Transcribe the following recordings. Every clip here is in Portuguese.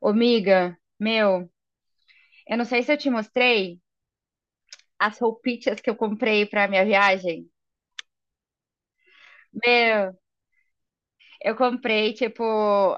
Ô, miga, meu, eu não sei se eu te mostrei as roupitas que eu comprei pra minha viagem. Meu, eu comprei, tipo,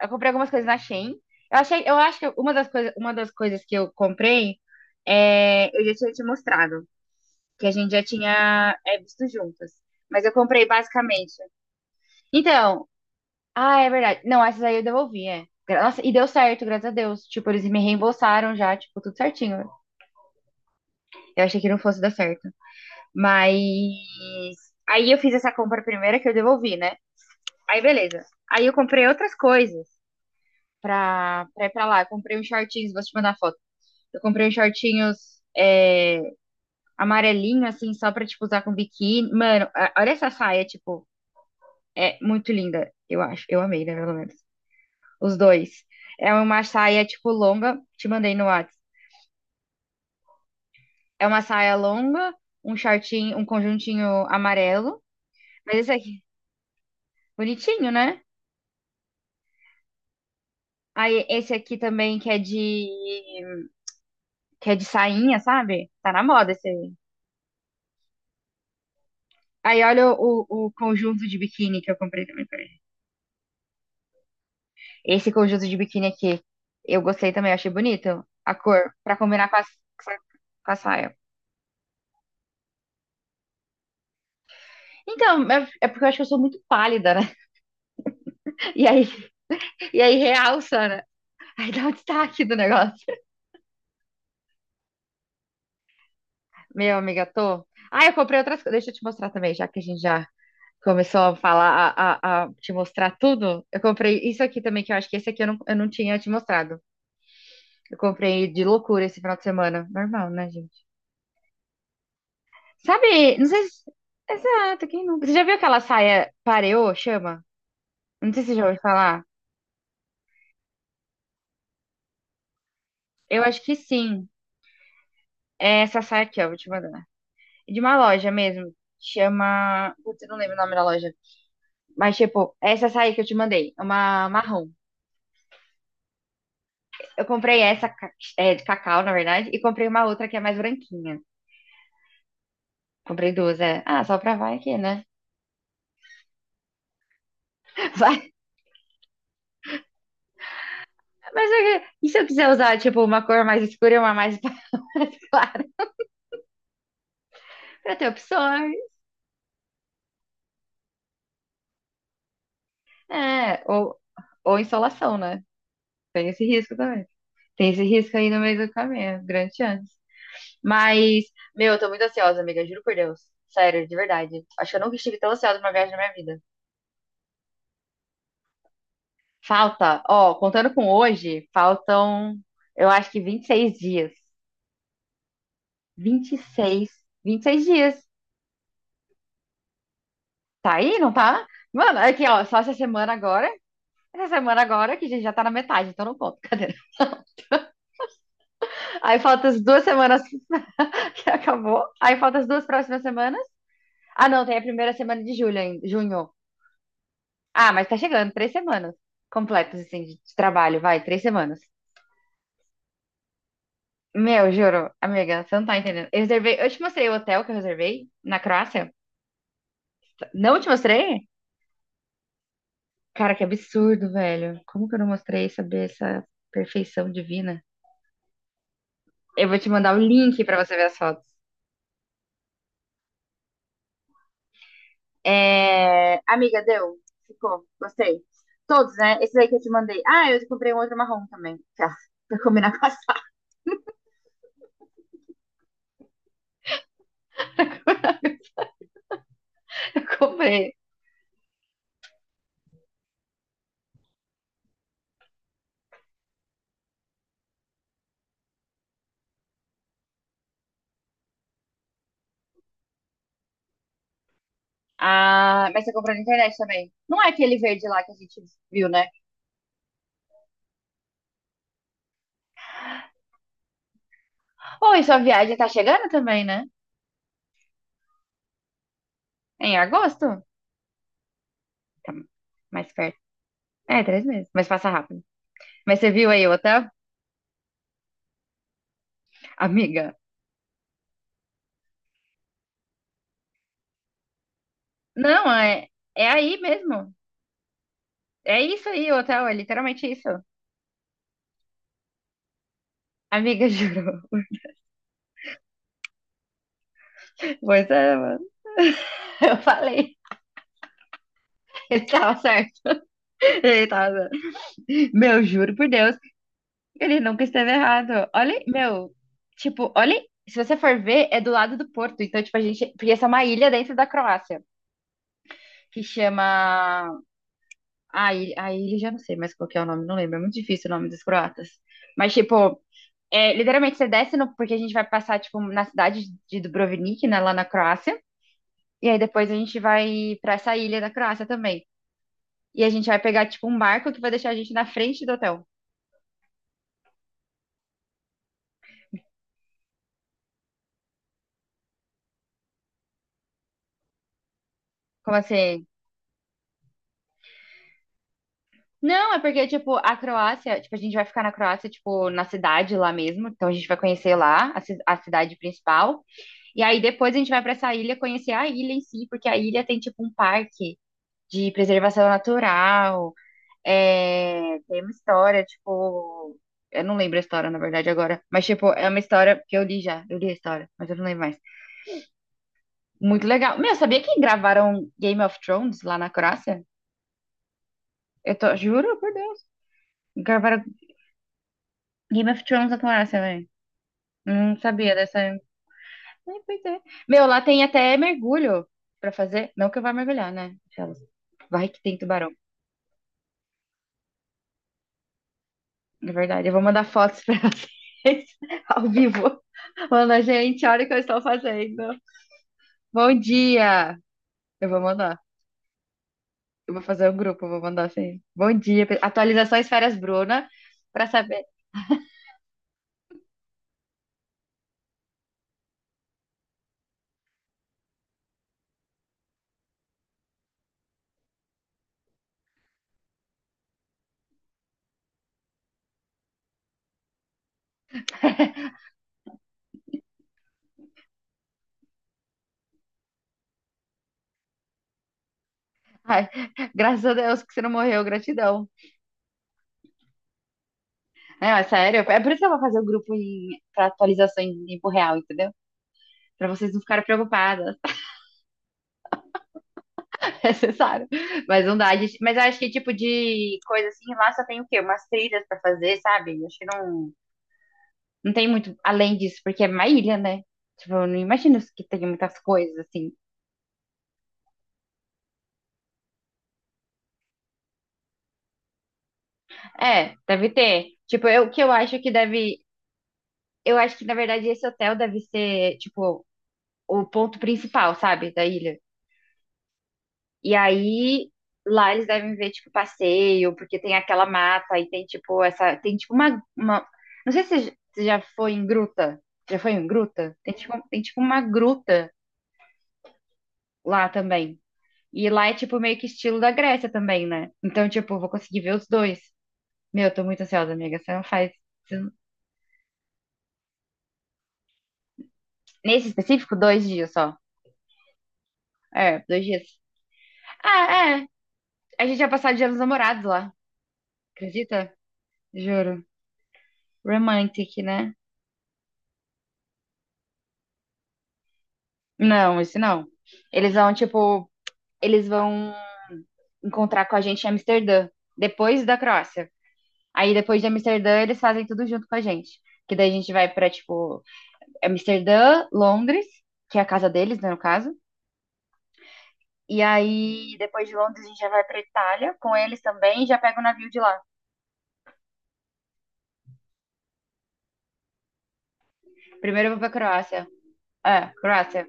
eu comprei algumas coisas na Shein. Eu achei, eu acho que uma das coisas que eu comprei, é, eu já tinha te mostrado, que a gente já tinha, é, visto juntas. Mas eu comprei basicamente. Então, ah, é verdade. Não, essas aí eu devolvi, é. Nossa, e deu certo, graças a Deus. Tipo, eles me reembolsaram já, tipo, tudo certinho. Eu achei que não fosse dar certo. Mas aí eu fiz essa compra primeira que eu devolvi, né? Aí beleza. Aí eu comprei outras coisas pra ir pra lá. Eu comprei uns shortinhos, vou te mandar foto. Eu comprei uns shortinhos é, amarelinho, assim, só pra, tipo, usar com biquíni. Mano, olha essa saia, tipo, é muito linda, eu acho. Eu amei, né, pelo menos. Os dois. É uma saia, tipo, longa, te mandei no WhatsApp. É uma saia longa, um shortinho, um conjuntinho amarelo. Mas esse aqui, bonitinho, né? Aí esse aqui também que é de sainha, sabe? Tá na moda esse aí. Aí olha o conjunto de biquíni que eu comprei também pra ele. Esse conjunto de biquíni aqui, eu gostei também, eu achei bonito a cor pra combinar com a saia. Então, é, é porque eu acho que eu sou muito pálida, né? E aí, e aí realça, né? Aí dá um destaque do negócio. Meu amiga, tô. Ah, eu comprei outras coisas. Deixa eu te mostrar também, já que a gente já começou a falar, a te mostrar tudo. Eu comprei isso aqui também, que eu acho que esse aqui eu não tinha te mostrado. Eu comprei de loucura esse final de semana. Normal, né, gente? Sabe, não sei se... Exato, quem nunca? Você já viu aquela saia pareô, chama? Não sei se você já ouviu falar. Eu acho que sim. É essa saia aqui, ó, vou te mandar. De uma loja mesmo. Chama. Putz, eu não lembro o nome da loja. Mas, tipo, é essa saia que eu te mandei. É uma marrom. Eu comprei é, de cacau, na verdade, e comprei uma outra que é mais branquinha. Comprei duas, é. Ah, só pra vai aqui, né? Vai. Mas é que- e se eu quiser usar, tipo, uma cor mais escura e uma mais, mais clara? Pra ter opções. É, ou insolação, né? Tem esse risco também. Tem esse risco aí no meio do caminho, grande chance. Mas, meu, eu tô muito ansiosa, amiga, juro por Deus. Sério, de verdade. Acho que eu nunca estive tão ansiosa pra uma viagem na minha vida. Falta, ó, contando com hoje, faltam, eu acho que 26 dias. Vinte e seis, 26 dias. Tá aí, não tá? Mano, aqui, ó, só essa semana agora. Essa semana agora, que a gente já tá na metade, então não conto. Cadê? Aí faltam as duas semanas que acabou. Aí faltam as duas próximas semanas. Ah, não, tem a primeira semana de julho ainda, junho. Ah, mas tá chegando, 3 semanas completas, assim, de trabalho, vai, 3 semanas. Meu, juro, amiga, você não tá entendendo. Eu reservei, eu te mostrei o hotel que eu reservei na Croácia. Não te mostrei? Cara, que absurdo, velho. Como que eu não mostrei saber essa perfeição divina? Eu vou te mandar o link pra você ver as fotos. É, amiga, deu? Ficou? Gostei. Todos, né? Esse aí que eu te mandei. Ah, eu comprei um outro marrom também. Tá, pra combinar com a Sara. Eu comprei. Ah, mas você comprou na internet também. Não é aquele verde lá que a gente viu, né? Oi, sua viagem tá chegando também, né? É em agosto? Tá mais perto. É, 3 meses, mas passa rápido. Mas você viu aí o hotel? Amiga. Não, é, é aí mesmo. É isso aí, o hotel, é literalmente isso. Amiga, juro. Pois é, mano. Eu falei. Ele tava certo. Ele tava. Meu, juro por Deus, ele nunca esteve errado. Olha, meu, tipo, olha. Se você for ver, é do lado do Porto. Então, tipo, a gente. Porque essa é uma ilha dentro da Croácia, que chama. A ilha já não sei mais qual que é o nome, não lembro. É muito difícil o nome dos croatas. Mas, tipo, é, literalmente você desce no. Porque a gente vai passar, tipo, na cidade de Dubrovnik, né, lá na Croácia. E aí depois a gente vai pra essa ilha da Croácia também. E a gente vai pegar, tipo, um barco que vai deixar a gente na frente do hotel. Como assim? Não, é porque, tipo, a Croácia, tipo, a gente vai ficar na Croácia, tipo, na cidade lá mesmo. Então a gente vai conhecer lá a cidade principal. E aí depois a gente vai pra essa ilha conhecer a ilha em si, porque a ilha tem, tipo, um parque de preservação natural. É, tem uma história, tipo. Eu não lembro a história, na verdade, agora. Mas, tipo, é uma história que eu li já. Eu li a história, mas eu não lembro mais. Muito legal. Meu, sabia que gravaram Game of Thrones lá na Croácia? Eu tô, juro, por Deus. Gravaram Game of Thrones na Croácia, velho. Não sabia dessa. É, pois é. Meu, lá tem até mergulho pra fazer. Não que eu vá mergulhar, né? Aquelas. Vai que tem tubarão. Na verdade, eu vou mandar fotos pra vocês ao vivo. Manda, gente, olha o que eu estou fazendo. Bom dia! Eu vou mandar. Eu vou fazer um grupo, eu vou mandar assim. Bom dia. Atualizações Férias Bruna, pra saber. Ai, graças a Deus que você não morreu, gratidão. É, ó, sério, é por isso que eu vou fazer o grupo em, pra atualização em tempo real, entendeu? Pra vocês não ficarem preocupadas. É necessário. Mas não dá. Mas eu acho que tipo de coisa assim, lá só tem o quê? Umas trilhas pra fazer, sabe? Eu acho que não, não tem muito além disso, porque é uma ilha, né? Tipo, eu não imagino que tem muitas coisas assim. É, deve ter. Tipo, eu o que eu acho que deve. Eu acho que, na verdade, esse hotel deve ser, tipo, o ponto principal, sabe? Da ilha. E aí lá eles devem ver tipo passeio, porque tem aquela mata e tem tipo essa, tem tipo uma... não sei se você já foi em gruta. Já foi em gruta? Tem tipo uma gruta lá também. E lá é tipo meio que estilo da Grécia também, né? Então, tipo, eu vou conseguir ver os dois. Meu, eu tô muito ansiosa, amiga. Você não faz. Você não- Nesse específico, 2 dias só. É, 2 dias. Ah, é. A gente vai passar o dia dos namorados lá. Acredita? Juro. Romantic, né? Não, esse não. Eles vão, tipo, eles vão encontrar com a gente em Amsterdã, depois da Croácia. Aí depois de Amsterdã, eles fazem tudo junto com a gente. Que daí a gente vai pra, tipo, Amsterdã, Londres, que é a casa deles, né, no caso. E aí, depois de Londres, a gente já vai pra Itália com eles também e já pega o navio de lá. Primeiro eu vou pra Croácia. É, Croácia.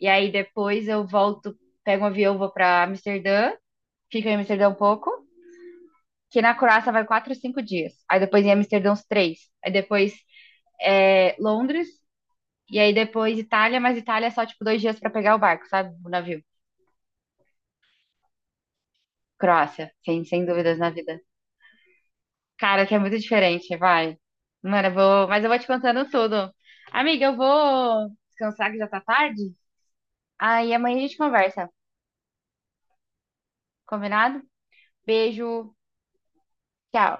E aí depois eu volto, pego um avião, vou pra Amsterdã, fico em Amsterdã um pouco. Que na Croácia vai 4, 5 dias. Aí depois em Amsterdã uns três. Aí depois é, Londres. E aí depois Itália, mas Itália é só tipo 2 dias pra pegar o barco, sabe? O navio. Croácia, sem dúvidas na vida. Cara, que é muito diferente, vai. Mano, eu vou. Mas eu vou te contando tudo. Amiga, eu vou descansar que já tá tarde. Aí amanhã a gente conversa. Combinado? Beijo. Tchau.